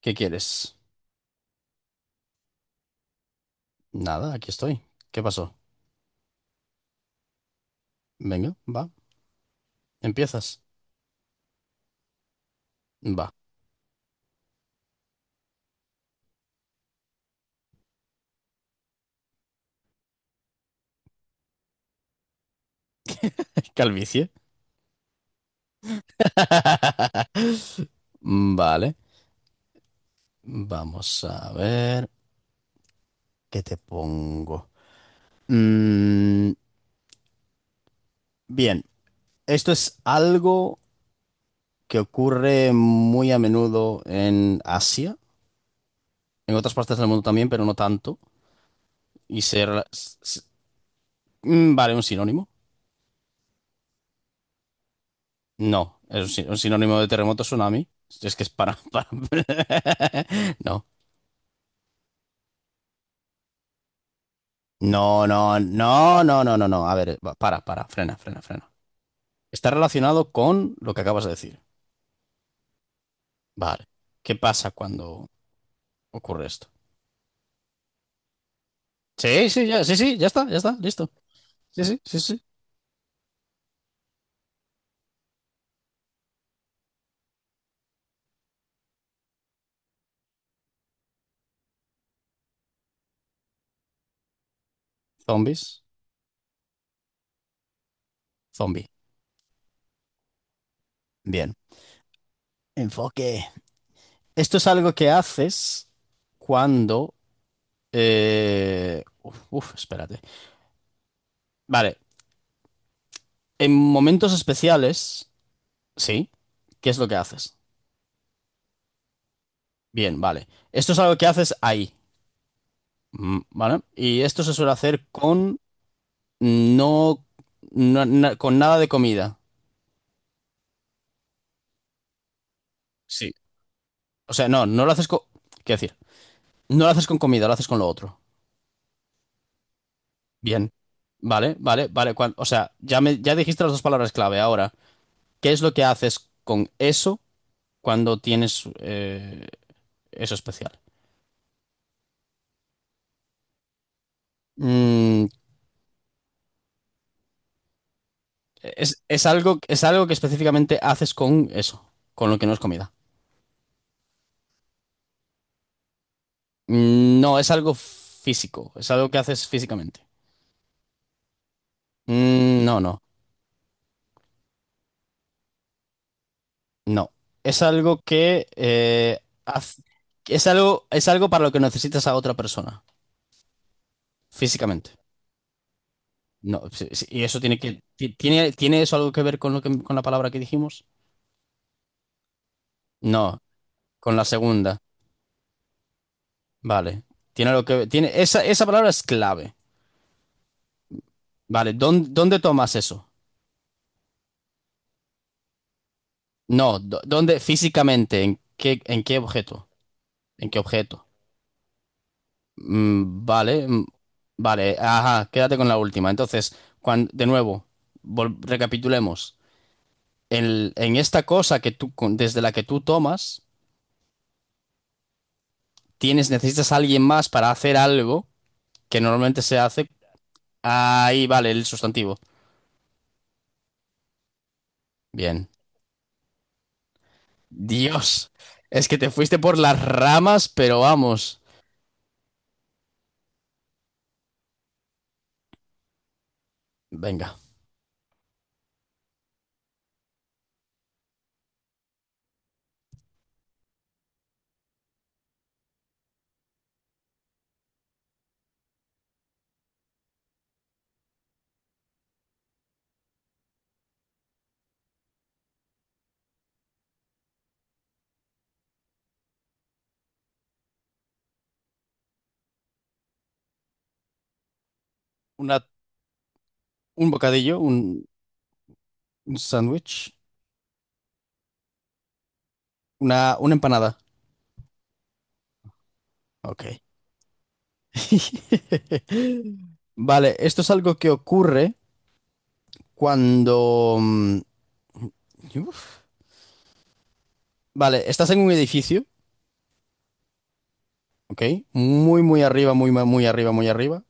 ¿Qué quieres? Nada, aquí estoy. ¿Qué pasó? Venga, va. ¿Empiezas? Va. Calvicie. Vale. Vamos a ver. ¿Qué te pongo? Mm, bien. Esto es algo que ocurre muy a menudo en Asia, en otras partes del mundo también, pero no tanto. Y se... Vale, un sinónimo. No, es un un sinónimo de terremoto, tsunami. Es que es para... para... No. No, no, no, no, no, no, no. A ver, va, para, frena, frena, frena. Está relacionado con lo que acabas de decir. Vale. ¿Qué pasa cuando ocurre esto? Sí, sí, ya, sí, sí, ya está, listo. Sí, sí, sí, sí. Zombies, zombie. Bien. Enfoque. Esto es algo que haces cuando... uf, espérate. Vale. En momentos especiales, sí. ¿Qué es lo que haces? Bien, vale. Esto es algo que haces ahí. Mm, vale. Y esto se suele hacer con no, con nada de comida. Sí, o sea, no lo haces con. Quiero decir, no lo haces con comida, lo haces con lo otro. Bien. Vale, vale, vale. O sea, ya me, ya dijiste las dos palabras clave. Ahora, ¿qué es lo que haces con eso cuando tienes eso especial? Mm, es algo que específicamente haces con eso, con lo que no es comida. Mm, no, es algo físico, es algo que haces físicamente. Mm, No, no, no. Es algo que haz- es algo para lo que necesitas a otra persona, físicamente. No, sí, sí, y eso tiene que, tiene, ¿tiene eso algo que ver con lo que, con la palabra que dijimos? No, con la segunda. Vale. Tiene algo que tiene, esa palabra es clave. Vale, ¿dónde tomas eso? No, ¿dónde físicamente? ¿En qué objeto? ¿En qué objeto? Vale, vale, ajá, quédate con la última. Entonces, de nuevo, recapitulemos. En esta cosa que tú, desde la que tú tomas, tienes, necesitas a alguien más para hacer algo que normalmente se hace. Ahí, vale, el sustantivo. Bien. Dios, es que te fuiste por las ramas, pero vamos. Venga, una, un bocadillo, un sándwich, una empanada. Ok. Vale, esto es algo que ocurre cuando... uf. Vale, estás en un edificio, ¿ok? Muy, muy arriba, muy arriba, muy arriba,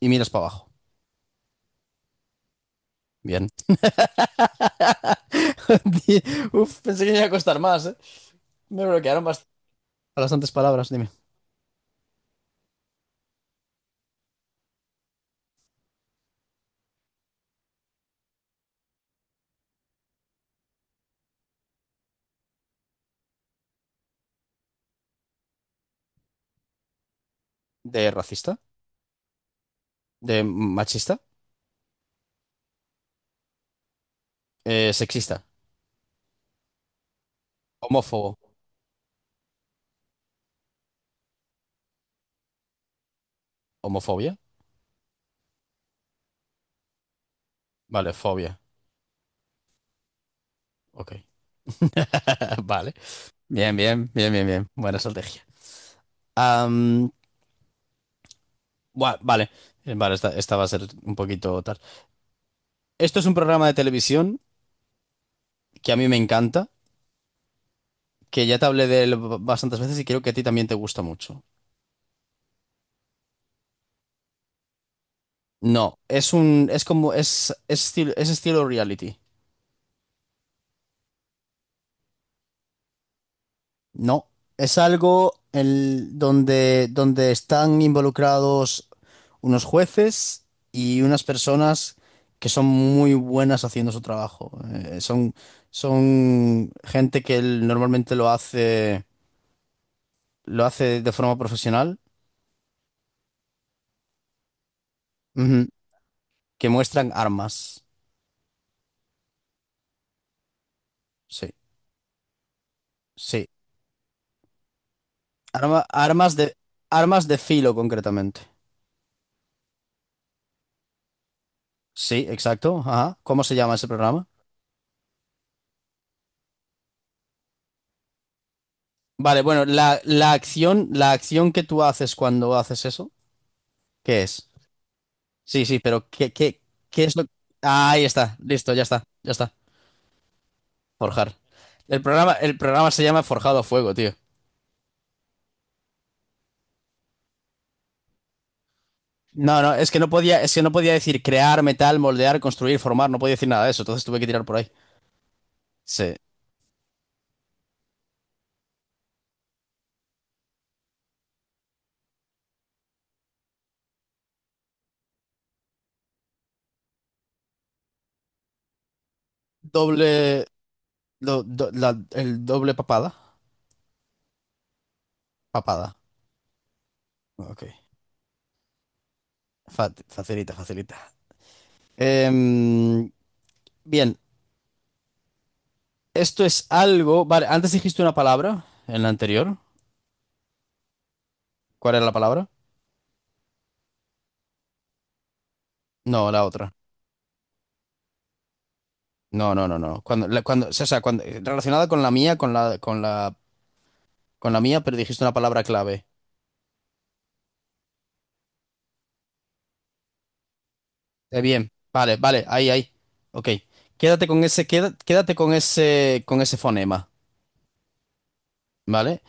y miras para abajo. Bien. Di- Uf, pensé que me iba a costar más, ¿eh? Me bloquearon bastantes palabras, dime. ¿De racista? ¿De machista? ¿Sexista? ¿Homófobo? ¿Homofobia? Vale, fobia. Ok. Vale. Bien, bien, bien, bien, bien. Buena estrategia. Buah, vale, eh, vale, esta va a ser un poquito tal. Esto es un programa de televisión que a mí me encanta, que ya te hablé de él bastantes veces y creo que a ti también te gusta mucho. No, es un, es como, es estilo reality. No, es algo donde, donde están involucrados unos jueces y unas personas que son muy buenas haciendo su trabajo. Son gente que normalmente lo hace de forma profesional, ujú, que muestran armas. Sí, sí. Arma- armas de, armas de filo, concretamente. Sí, exacto. Ajá. ¿Cómo se llama ese programa? Vale, bueno, la acción que tú haces cuando haces eso, ¿qué es? Sí, sí, pero ¿qué es lo Ahí está, listo, ya está, ya está. Forjar. El programa se llama Forjado a Fuego, tío. No, no, es que no podía, es que no podía decir crear, metal, moldear, construir, formar, no podía decir nada de eso, entonces tuve que tirar por ahí. Sí. Doble, el doble papada. Papada. Ok. Facilita, facilita. Em, bien, esto es algo. Vale, antes dijiste una palabra en la anterior. ¿Cuál era la palabra? No, la otra. No, no, no, no. Cuando, cuando, o sea, cuando, relacionada con la mía, con la mía, pero dijiste una palabra clave. Bien, vale, vale, ahí, ahí. Ok. Quédate con ese, quédate con ese fonema, ¿vale?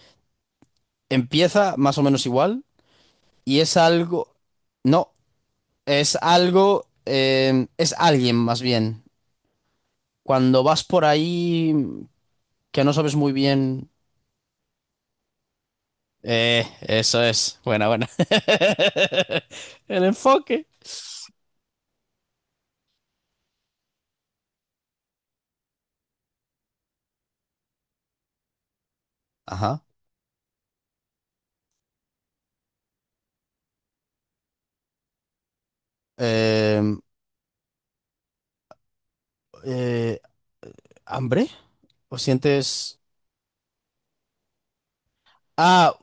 Empieza más o menos igual. Y es algo, no, es algo, es alguien más bien. Cuando vas por ahí que no sabes muy bien. Eso es. Buena, buena. El enfoque. Ajá. Em, eh, ¿Hambre? ¿O sientes? Ah,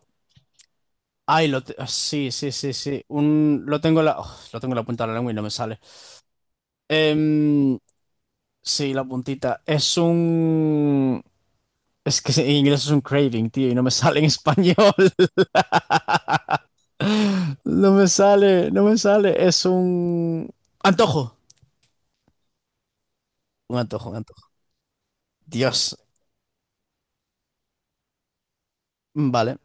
ay, ah, sí, sí, sí, sí. Un, lo tengo en la, oh, lo tengo en la punta de la lengua y no me sale. Em, sí, la puntita. Es un. Es que en inglés es un craving, tío, y no me sale en español. No me sale, no me sale. Es un antojo. Un antojo, un antojo. Dios. Vale.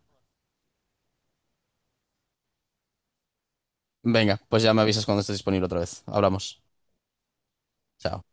Venga, pues ya me avisas cuando estés disponible otra vez. Hablamos. Chao.